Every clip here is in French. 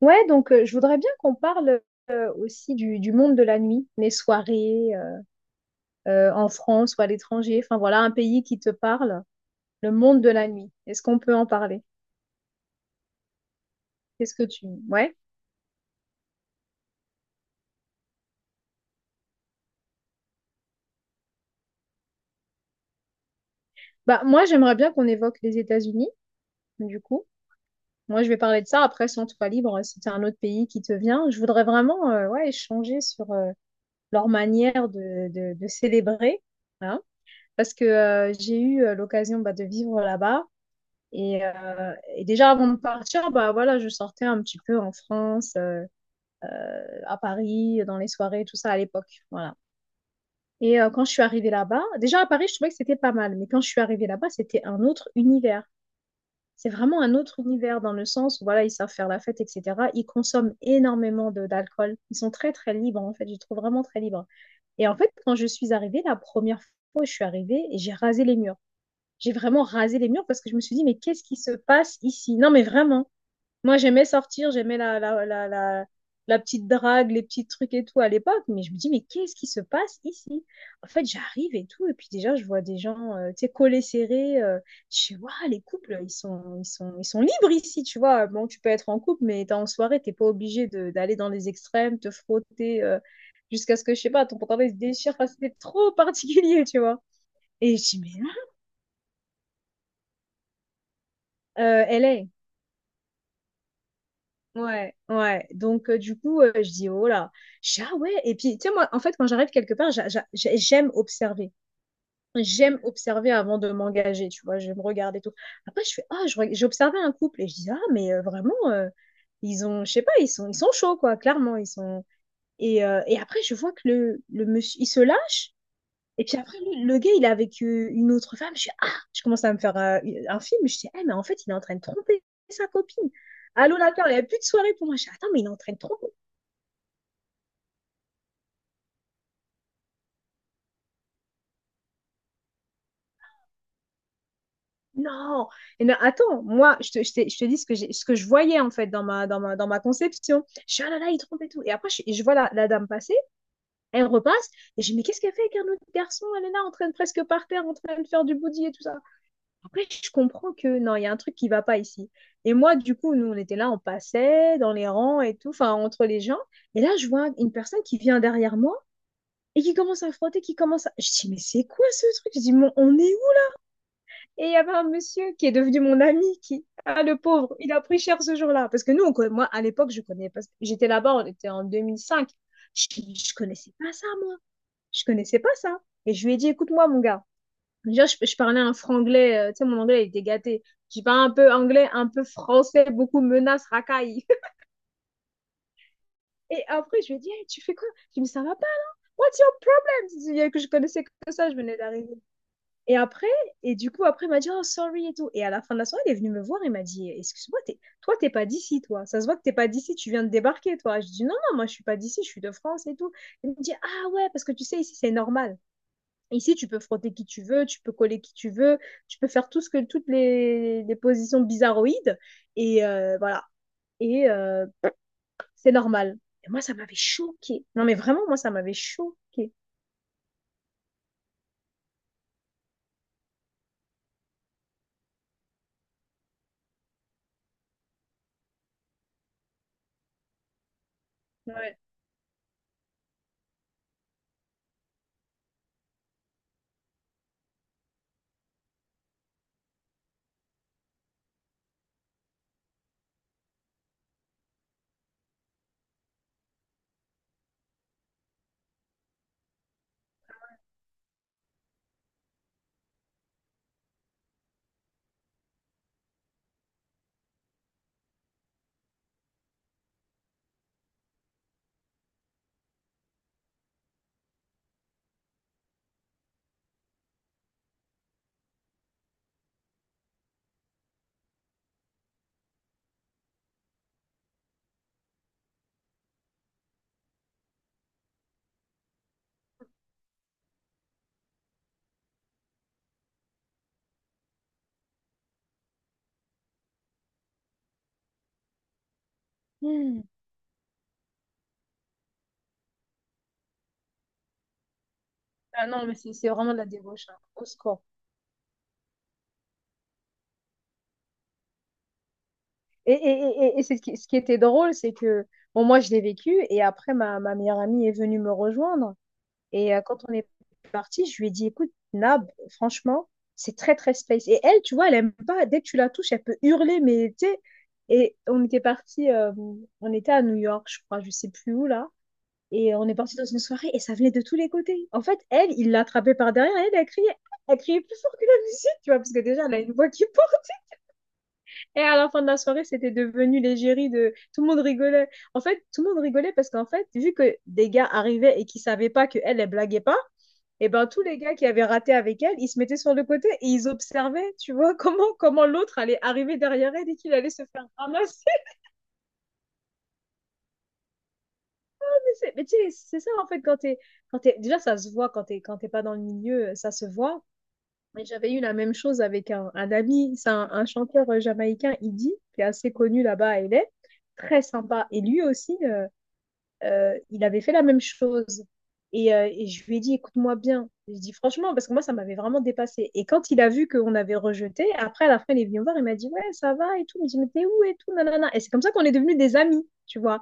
Ouais, donc je voudrais bien qu'on parle aussi du monde de la nuit, les soirées en France ou à l'étranger. Enfin voilà, un pays qui te parle, le monde de la nuit. Est-ce qu'on peut en parler? Qu'est-ce que tu... Ouais. Bah moi j'aimerais bien qu'on évoque les États-Unis, du coup. Moi je vais parler de ça. Après, sans toi libre, si t'as un autre pays qui te vient, je voudrais vraiment ouais, échanger sur leur manière de célébrer, hein. Parce que j'ai eu l'occasion bah, de vivre là-bas. Et déjà avant de partir, bah voilà, je sortais un petit peu en France, à Paris, dans les soirées, tout ça à l'époque. Voilà. Et quand je suis arrivée là-bas, déjà à Paris, je trouvais que c'était pas mal, mais quand je suis arrivée là-bas, c'était un autre univers. C'est vraiment un autre univers dans le sens où voilà, ils savent faire la fête, etc. Ils consomment énormément de d'alcool. Ils sont très très libres en fait. Je les trouve vraiment très libres. Et en fait, quand je suis arrivée la première fois, je suis arrivée et j'ai rasé les murs. J'ai vraiment rasé les murs parce que je me suis dit mais qu'est-ce qui se passe ici? Non mais vraiment. Moi, j'aimais sortir, j'aimais la petite drague, les petits trucs et tout à l'époque, mais je me dis, mais qu'est-ce qui se passe ici? En fait, j'arrive et tout, et puis déjà, je vois des gens, tu sais, collés, serrés. Je sais, waouh, les couples, ils sont libres ici, tu vois. Bon, tu peux être en couple, mais t'es en soirée, t'es pas obligé d'aller dans les extrêmes, te frotter jusqu'à ce que, je sais pas, ton pantalon il se déchire. Enfin, c'était trop particulier, tu vois. Et je dis, mais là, LA. Ouais, ouais. Donc, du coup, je dis, oh là, je dis, ah ouais. Et puis, tu sais, moi, en fait, quand j'arrive quelque part, j'aime observer. J'aime observer avant de m'engager, tu vois, je me regarde et tout. Après, je fais, ah, j'ai observé un couple et je dis, ah, mais vraiment, ils ont, je sais pas, ils sont chauds, quoi, clairement, ils sont. Et après, je vois que le monsieur, il se lâche et puis après, lui, le gars, il est avec une autre femme. Je suis, ah, je commence à me faire un film. Je dis, ah, mais en fait, il est en train de tromper sa copine. Allô, la peur, il n'y a plus de soirée pour moi. Je dis, attends, mais il est en train de tromper. Non. Et non, attends, moi, je te dis ce que, ce que je voyais, en fait, dans ma conception. Je suis, ah là là, il trompe et tout. Et après, je vois la dame passer, elle repasse. Et je dis, mais qu'est-ce qu'elle fait avec un autre garçon? Elle est là, en train de presque par terre, en train de faire du body et tout ça. Après, je comprends que non, il y a un truc qui va pas ici. Et moi, du coup, nous, on était là, on passait dans les rangs et tout, enfin, entre les gens. Et là, je vois une personne qui vient derrière moi et qui commence à frotter, qui commence à... Je dis, mais c'est quoi ce truc? Je dis, mais on est où? Et il y avait un monsieur qui est devenu mon ami, qui... Ah, le pauvre, il a pris cher ce jour-là. Parce que nous, moi, à l'époque, je connais pas... J'étais là-bas, on était en 2005. Je connaissais pas ça, moi. Je connaissais pas ça. Et je lui ai dit, écoute-moi, mon gars. Déjà, je parlais un franglais, tu sais, mon anglais il était gâté. J'ai parlé un peu anglais, un peu français, beaucoup menaces, racailles. Et après, je lui ai dit, hey, tu fais quoi? Je me dis, ça va pas? What's your problem? Tu dis, que je connaissais que ça, je venais d'arriver. Et après, et du coup, après, il m'a dit, oh, sorry et tout. Et à la fin de la soirée, il est venu me voir il m'a dit, excuse-moi, toi, t'es pas d'ici, toi. Ça se voit que t'es pas d'ici, tu viens de débarquer, toi. Je dis, non, non, moi, je suis pas d'ici, je suis de France et tout. Il me dit, ah ouais, parce que tu sais, ici, c'est normal. Ici, tu peux frotter qui tu veux, tu peux coller qui tu veux, tu peux faire tout ce que, toutes les positions bizarroïdes. Et voilà. Et c'est normal. Et moi, ça m'avait choqué. Non, mais vraiment, moi, ça m'avait choqué. Ouais. Hmm. Ah non, mais c'est vraiment de la débauche, hein. Au score. Et c'est ce qui était drôle, c'est que, bon, moi, je l'ai vécu. Et après, ma meilleure amie est venue me rejoindre. Et quand on est parti, je lui ai dit, écoute, Nab, franchement, c'est très, très space. Et elle, tu vois, elle aime pas. Dès que tu la touches, elle peut hurler, mais tu sais. Et on était parti, on était à New York, je crois, je sais plus où là. Et on est parti dans une soirée et ça venait de tous les côtés. En fait, elle, il l'a attrapée par derrière et elle a crié. Elle criait plus fort que la musique, tu vois, parce que déjà, elle a une voix qui porte. Et à la fin de la soirée, c'était devenu l'égérie de tout le monde rigolait. En fait, tout le monde rigolait parce qu'en fait, vu que des gars arrivaient et qui savaient pas que elle, elle blaguait pas, et ben tous les gars qui avaient raté avec elle, ils se mettaient sur le côté et ils observaient, tu vois, comment, comment l'autre allait arriver derrière elle et qu'il allait se faire ramasser. Mais tu sais, c'est ça en fait, quand t'es, déjà ça se voit, quand t'es pas dans le milieu, ça se voit. Mais j'avais eu la même chose avec un ami, c'est un chanteur jamaïcain, Idi, qui est assez connu là-bas à LA, très sympa. Et lui aussi, il avait fait la même chose. Et je lui ai dit, écoute-moi bien. Je dis franchement, parce que moi, ça m'avait vraiment dépassé. Et quand il a vu qu'on avait rejeté, après, à la fin, il est venu me voir, il m'a dit, ouais, ça va et tout. Il me dit, mais t'es où et tout, nanana. Et c'est comme ça qu'on est devenus des amis, tu vois.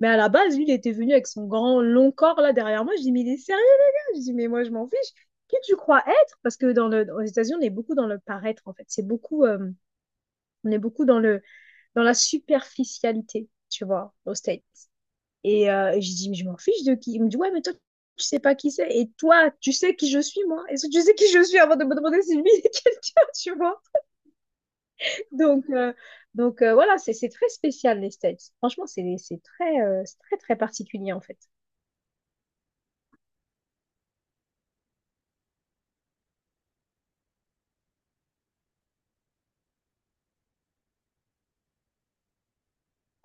Mais à la base, lui, il était venu avec son grand, long corps là derrière moi. Je dis, mais il est sérieux, les gars? Je dis, mais moi, je m'en fiche. Qui tu crois être? Parce que dans le, aux États-Unis, on est beaucoup dans le paraître, en fait. C'est beaucoup, on est beaucoup dans le, dans la superficialité, tu vois, au States. Et je dis, mais je m'en fiche de qui. Il me dit, ouais, mais toi, tu sais pas qui c'est. Et toi, tu sais qui je suis, moi. Est-ce que tu sais qui je suis avant de me demander si lui est quelqu'un, tu vois? Donc, voilà, c'est très spécial, les States. Franchement, c'est très, très particulier, en fait.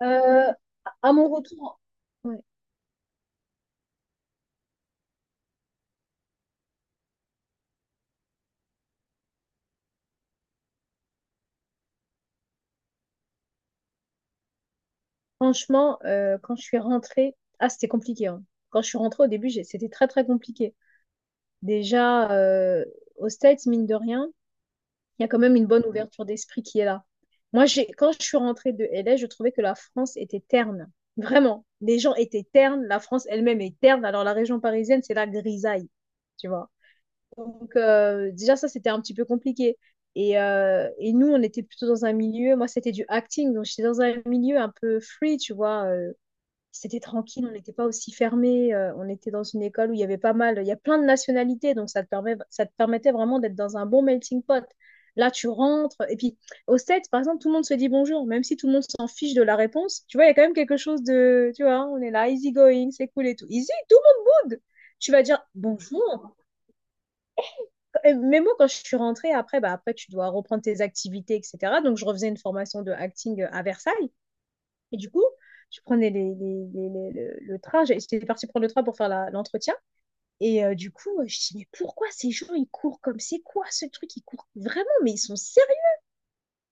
Euh, à mon retour, ouais, franchement, quand je suis rentrée, ah, c'était compliqué, hein. Quand je suis rentrée au début, c'était très, très compliqué. Déjà, aux States, mine de rien, il y a quand même une bonne ouverture d'esprit qui est là. Moi, j'ai, quand je suis rentrée de LA, je trouvais que la France était terne. Vraiment, les gens étaient ternes, la France elle-même est terne. Alors la région parisienne, c'est la grisaille, tu vois. Donc déjà ça, c'était un petit peu compliqué. Et nous, on était plutôt dans un milieu, moi c'était du acting, donc j'étais dans un milieu un peu free, tu vois, c'était tranquille, on n'était pas aussi fermé. On était dans une école où il y avait pas mal, il y a plein de nationalités, donc ça te permet, ça te permettait vraiment d'être dans un bon melting pot. Là, tu rentres, et puis au States, par exemple, tout le monde se dit bonjour, même si tout le monde s'en fiche de la réponse. Tu vois, il y a quand même quelque chose de, tu vois, on est là, easy going, c'est cool et tout. Easy, tout le monde boude. Tu vas dire bonjour. Et même moi, quand je suis rentrée, après, bah, après, tu dois reprendre tes activités, etc. Donc, je refaisais une formation de acting à Versailles. Et du coup, je prenais le train, j'étais partie prendre le train pour faire l'entretien. Et du coup, je dis, mais pourquoi ces gens, ils courent, comme c'est quoi ce truc? Ils courent vraiment, mais ils sont sérieux.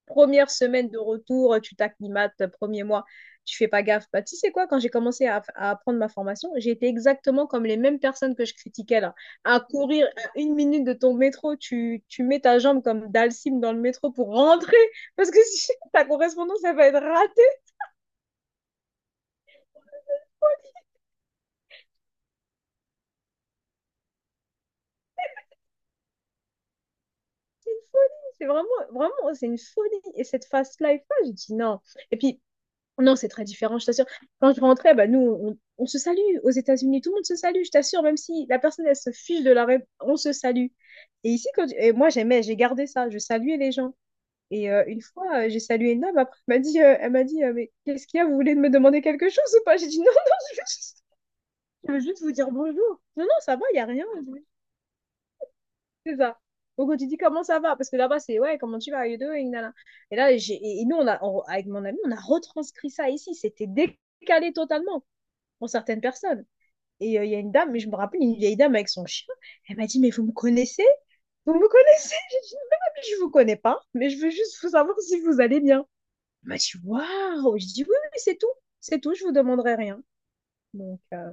Première semaine de retour, tu t'acclimates, premier mois, tu fais pas gaffe. Bah, tu sais quoi, quand j'ai commencé à apprendre ma formation, j'ai été exactement comme les mêmes personnes que je critiquais là. À courir à une minute de ton métro, tu mets ta jambe comme Dalsim dans le métro pour rentrer, parce que si ta correspondance, elle va être ratée. C'est vraiment, vraiment, c'est une folie. Et cette fast life-là, j'ai dit non. Et puis, non, c'est très différent, je t'assure. Quand je rentrais, bah, on se salue aux États-Unis. Tout le monde se salue, je t'assure, même si la personne, elle se fiche de la règle, on se salue. Et ici, quand, et moi, j'aimais, j'ai gardé ça. Je saluais les gens. Et une fois, j'ai salué une dame. Après, elle m'a dit, mais qu'est-ce qu'il y a? Vous voulez me demander quelque chose ou pas? J'ai dit, non, non, je veux juste, je veux juste vous dire bonjour. Non, non, ça va, il n'y a rien. C'est ça. Donc, quand tu dis comment ça va, parce que là-bas, c'est ouais, comment tu vas, how you doing, nana. Et là, j'ai, et nous, on a, on- avec mon ami, on a retranscrit ça ici. C'était décalé totalement pour certaines personnes. Et il y a une dame, mais je me rappelle, une vieille dame avec son chien, elle m'a dit, mais vous me connaissez? Vous me connaissez? J'ai dit, non, mais je vous connais pas, mais je veux juste vous savoir si vous allez bien. Elle m'a dit, waouh! Je dis, oui, oui, c'est tout. C'est tout, je vous demanderai rien. Donc,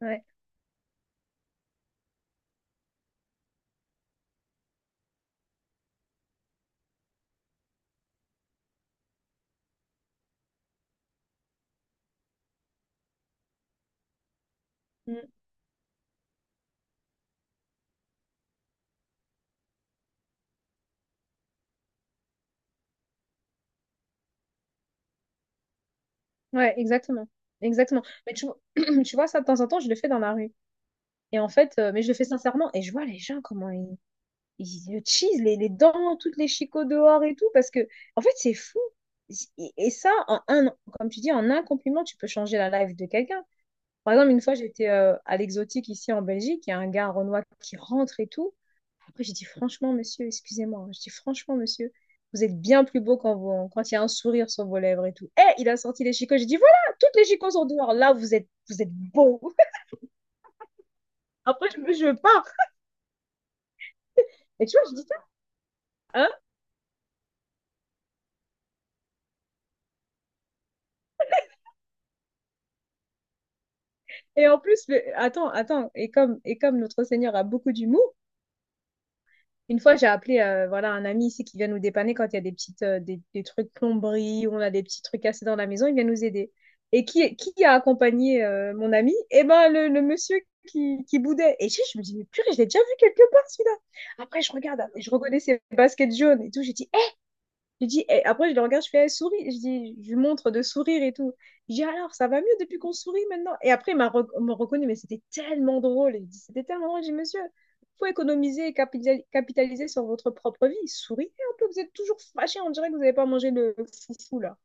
ouais. Mm. Ouais, exactement. Exactement. Mais tu vois, ça, de temps en temps, je le fais dans la rue. Et en fait, mais je le fais sincèrement, et je vois les gens comment ils le cheese, les dents, toutes les chicots dehors et tout, parce que, en fait, c'est fou. Et ça, comme tu dis, en un compliment, tu peux changer la life de quelqu'un. Par exemple, une fois, j'étais à l'exotique ici en Belgique, il y a un gars renois qui rentre et tout. Après, j'ai dit, franchement, monsieur, excusez-moi, hein. Je dis, franchement, monsieur, vous êtes bien plus beau quand il y a un sourire sur vos lèvres et tout. Et il a sorti les chicots, j'ai dit, voilà, toutes les chicots sont dehors, là, vous êtes beau. Après, je pars. Et tu vois, je dis ça. Et en plus, attends, attends, et comme notre Seigneur a beaucoup d'humour, une fois j'ai appelé voilà, un ami ici qui vient nous dépanner quand il y a des petites des trucs plomberie, ou on a des petits trucs cassés dans la maison, il vient nous aider. Et qui a accompagné mon ami? Eh ben le monsieur qui boudait. Et je me dis, mais purée, je l'ai déjà vu quelque part celui-là. Après, je regarde, je reconnais ses baskets jaunes et tout. Je dis, eh, après, je le regarde, je fais, eh, souris. Je dis, je lui montre de sourire et tout. Je dis, alors, ça va mieux depuis qu'on sourit maintenant. Et après, me reconnu, mais c'était tellement drôle. Il dit, c'était tellement drôle. Je dis, monsieur, faut économiser et capitaliser sur votre propre vie. Souriez un peu, vous êtes toujours fâché. On dirait que vous n'avez pas mangé le foufou, là.